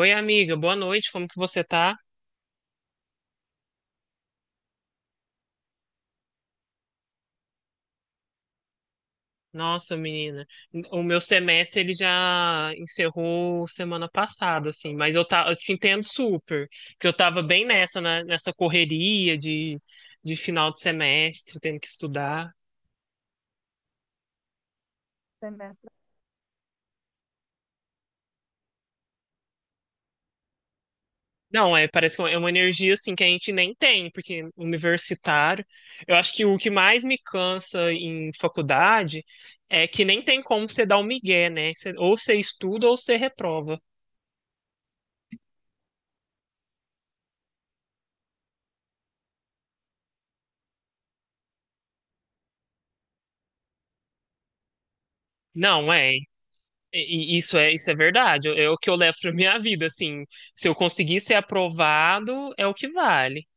Oi, amiga, boa noite, como que você tá? Nossa, menina, o meu semestre ele já encerrou semana passada, assim, mas tá, eu te entendo super, que eu tava bem né, nessa correria de final de semestre, tendo que estudar. Não, é, parece que é uma energia, assim, que a gente nem tem, porque universitário, eu acho que o que mais me cansa em faculdade é que nem tem como você dar o migué, né? Você- ou você estuda ou você reprova. Não, é. E isso é verdade. É o que eu levo pra minha vida, assim. Se eu conseguir ser aprovado, é o que vale.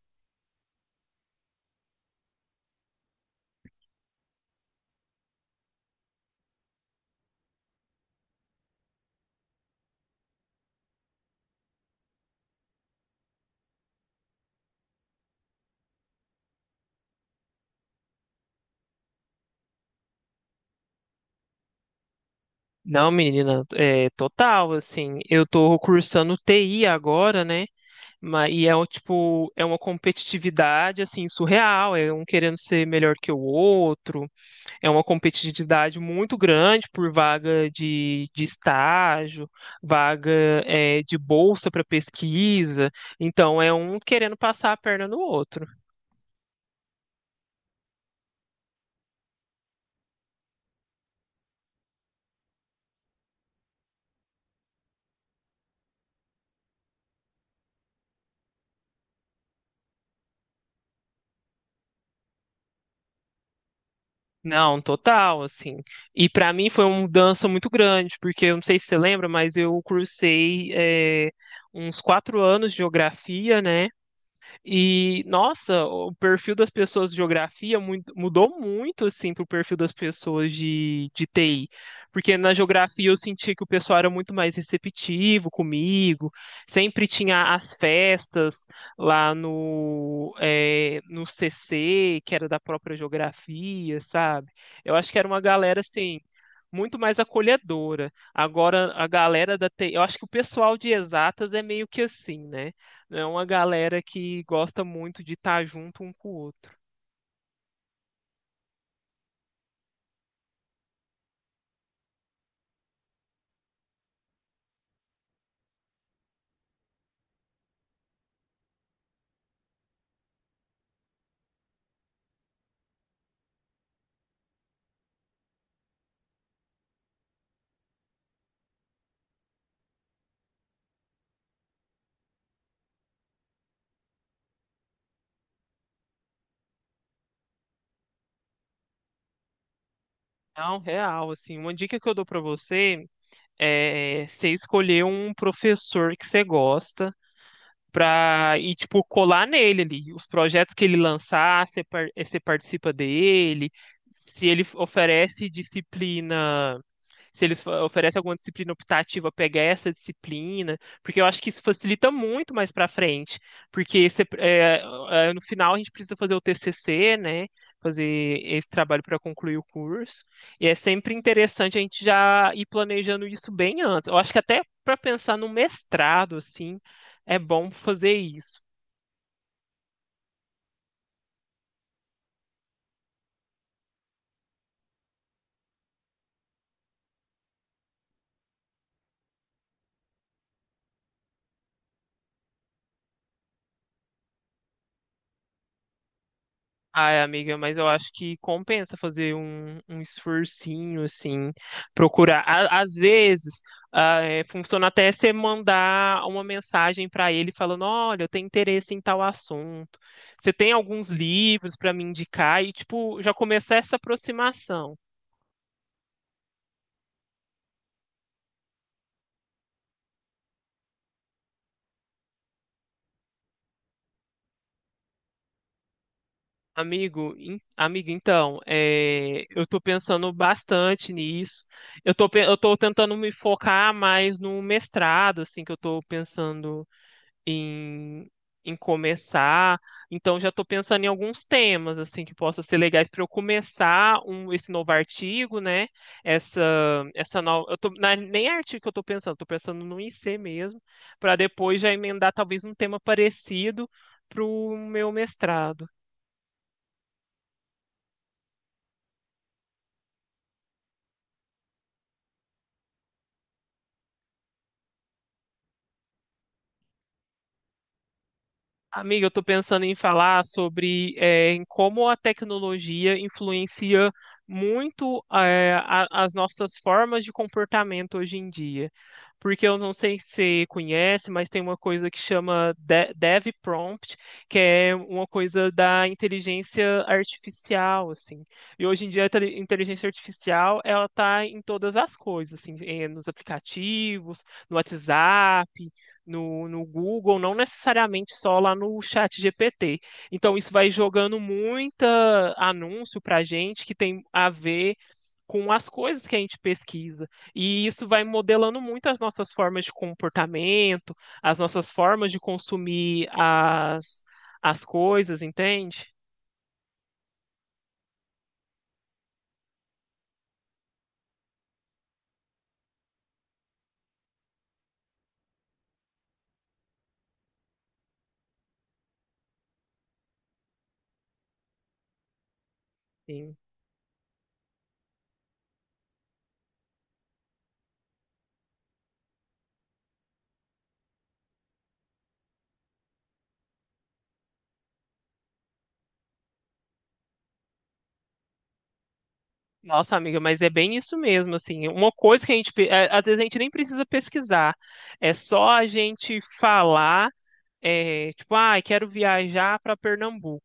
Não, menina, é total, assim. Eu tô cursando TI agora, né? Mas, e é tipo, é uma competitividade, assim, surreal. É um querendo ser melhor que o outro. É uma competitividade muito grande por vaga de estágio, vaga, é, de bolsa para pesquisa. Então, é um querendo passar a perna no outro. Não, total, assim. E pra mim foi uma mudança muito grande, porque eu não sei se você lembra, mas eu cursei uns 4 anos de geografia, né? E, nossa, o perfil das pessoas de geografia mudou muito, assim, pro perfil das pessoas de TI. Porque na geografia eu senti que o pessoal era muito mais receptivo comigo, sempre tinha as festas lá no CC, que era da própria geografia, sabe? Eu acho que era uma galera, assim, muito mais acolhedora. Agora, a galera da TI, eu acho que o pessoal de exatas é meio que assim, né? É uma galera que gosta muito de estar junto um com o outro. É um real, assim. Uma dica que eu dou para você é você escolher um professor que você gosta pra ir, tipo, colar nele ali. Os projetos que ele lançar, você participa dele. Se ele oferece disciplina, se eles oferecem alguma disciplina optativa, pegar essa disciplina, porque eu acho que isso facilita muito mais para frente, porque no final a gente precisa fazer o TCC, né? Fazer esse trabalho para concluir o curso. E é sempre interessante a gente já ir planejando isso bem antes. Eu acho que até para pensar no mestrado, assim, é bom fazer isso. Ai, amiga, mas eu acho que compensa fazer um esforcinho, assim, procurar. Às vezes, ah, funciona até você mandar uma mensagem para ele falando, olha, eu tenho interesse em tal assunto. Você tem alguns livros para me indicar? E, tipo, já começar essa aproximação. Amiga, então, é, eu tô pensando bastante nisso. Eu tô tentando me focar mais no mestrado, assim, que eu tô pensando em, em começar. Então já estou pensando em alguns temas assim que possam ser legais para eu começar esse novo artigo, né? Essa essa nova, eu tô, não é nem é artigo que eu estou pensando no IC mesmo, para depois já emendar talvez um tema parecido para o meu mestrado. Amiga, eu estou pensando em falar sobre em como a tecnologia influencia muito as nossas formas de comportamento hoje em dia. Porque eu não sei se você conhece, mas tem uma coisa que chama de Dev Prompt, que é uma coisa da inteligência artificial, assim. E hoje em dia a inteligência artificial, ela tá em todas as coisas, assim, nos aplicativos, no WhatsApp, no Google, não necessariamente só lá no chat GPT. Então, isso vai jogando muita anúncio para a gente que tem a ver com as coisas que a gente pesquisa. E isso vai modelando muito as nossas formas de comportamento, as nossas formas de consumir as coisas, entende? Sim. Nossa, amiga, mas é bem isso mesmo, assim. Uma coisa que a gente, às vezes a gente nem precisa pesquisar, é só a gente falar tipo, ah, quero viajar para Pernambuco.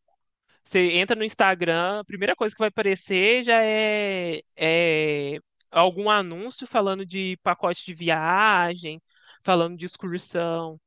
Você entra no Instagram, a primeira coisa que vai aparecer já é algum anúncio falando de pacote de viagem, falando de excursão.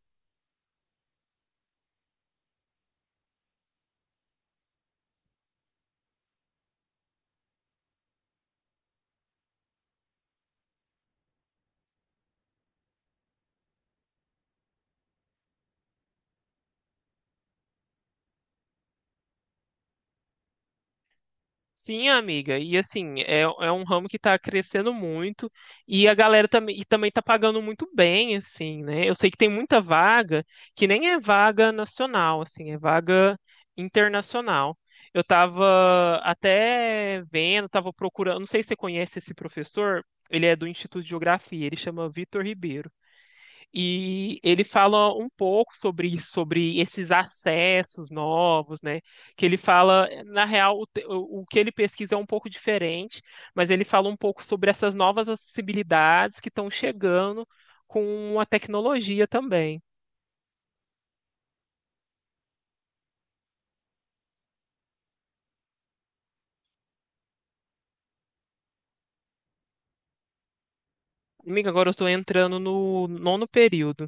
Sim, amiga, e assim, é um ramo que tá crescendo muito e a galera também, e também tá pagando muito bem, assim, né? Eu sei que tem muita vaga que nem é vaga nacional, assim, é vaga internacional. Eu tava até vendo, tava procurando, não sei se você conhece esse professor, ele é do Instituto de Geografia, ele chama Vitor Ribeiro. E ele fala um pouco sobre isso, sobre esses acessos novos, né? Que ele fala, na real, o que ele pesquisa é um pouco diferente, mas ele fala um pouco sobre essas novas acessibilidades que estão chegando com a tecnologia também. Amiga, agora eu estou entrando no nono período.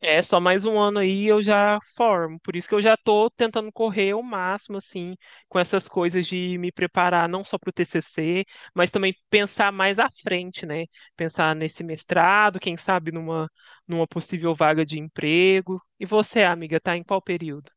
É, só mais um ano aí eu já formo. Por isso que eu já tô tentando correr o máximo, assim, com essas coisas de me preparar não só para o TCC, mas também pensar mais à frente, né? Pensar nesse mestrado, quem sabe numa possível vaga de emprego. E você, amiga, tá em qual período?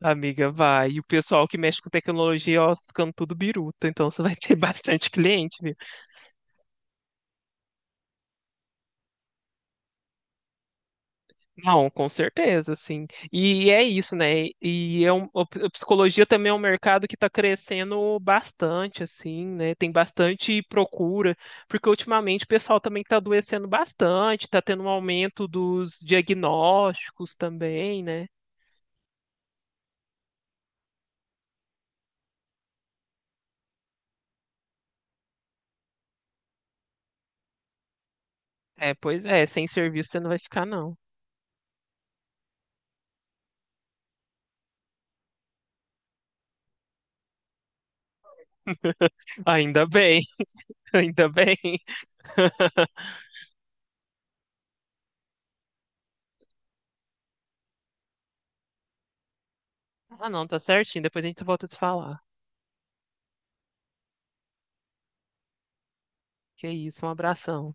Amiga, vai. E o pessoal que mexe com tecnologia, ó, ficando tudo biruta. Então você vai ter bastante cliente, viu? Não, com certeza, sim. E é isso, né? E é um, a psicologia também é um mercado que está crescendo bastante, assim, né? Tem bastante procura, porque ultimamente o pessoal também está adoecendo bastante, está tendo um aumento dos diagnósticos também, né? É, pois é, sem serviço você não vai ficar, não. Ainda bem, ainda bem. Ah, não, tá certinho. Depois a gente volta a se falar. Que isso, um abração.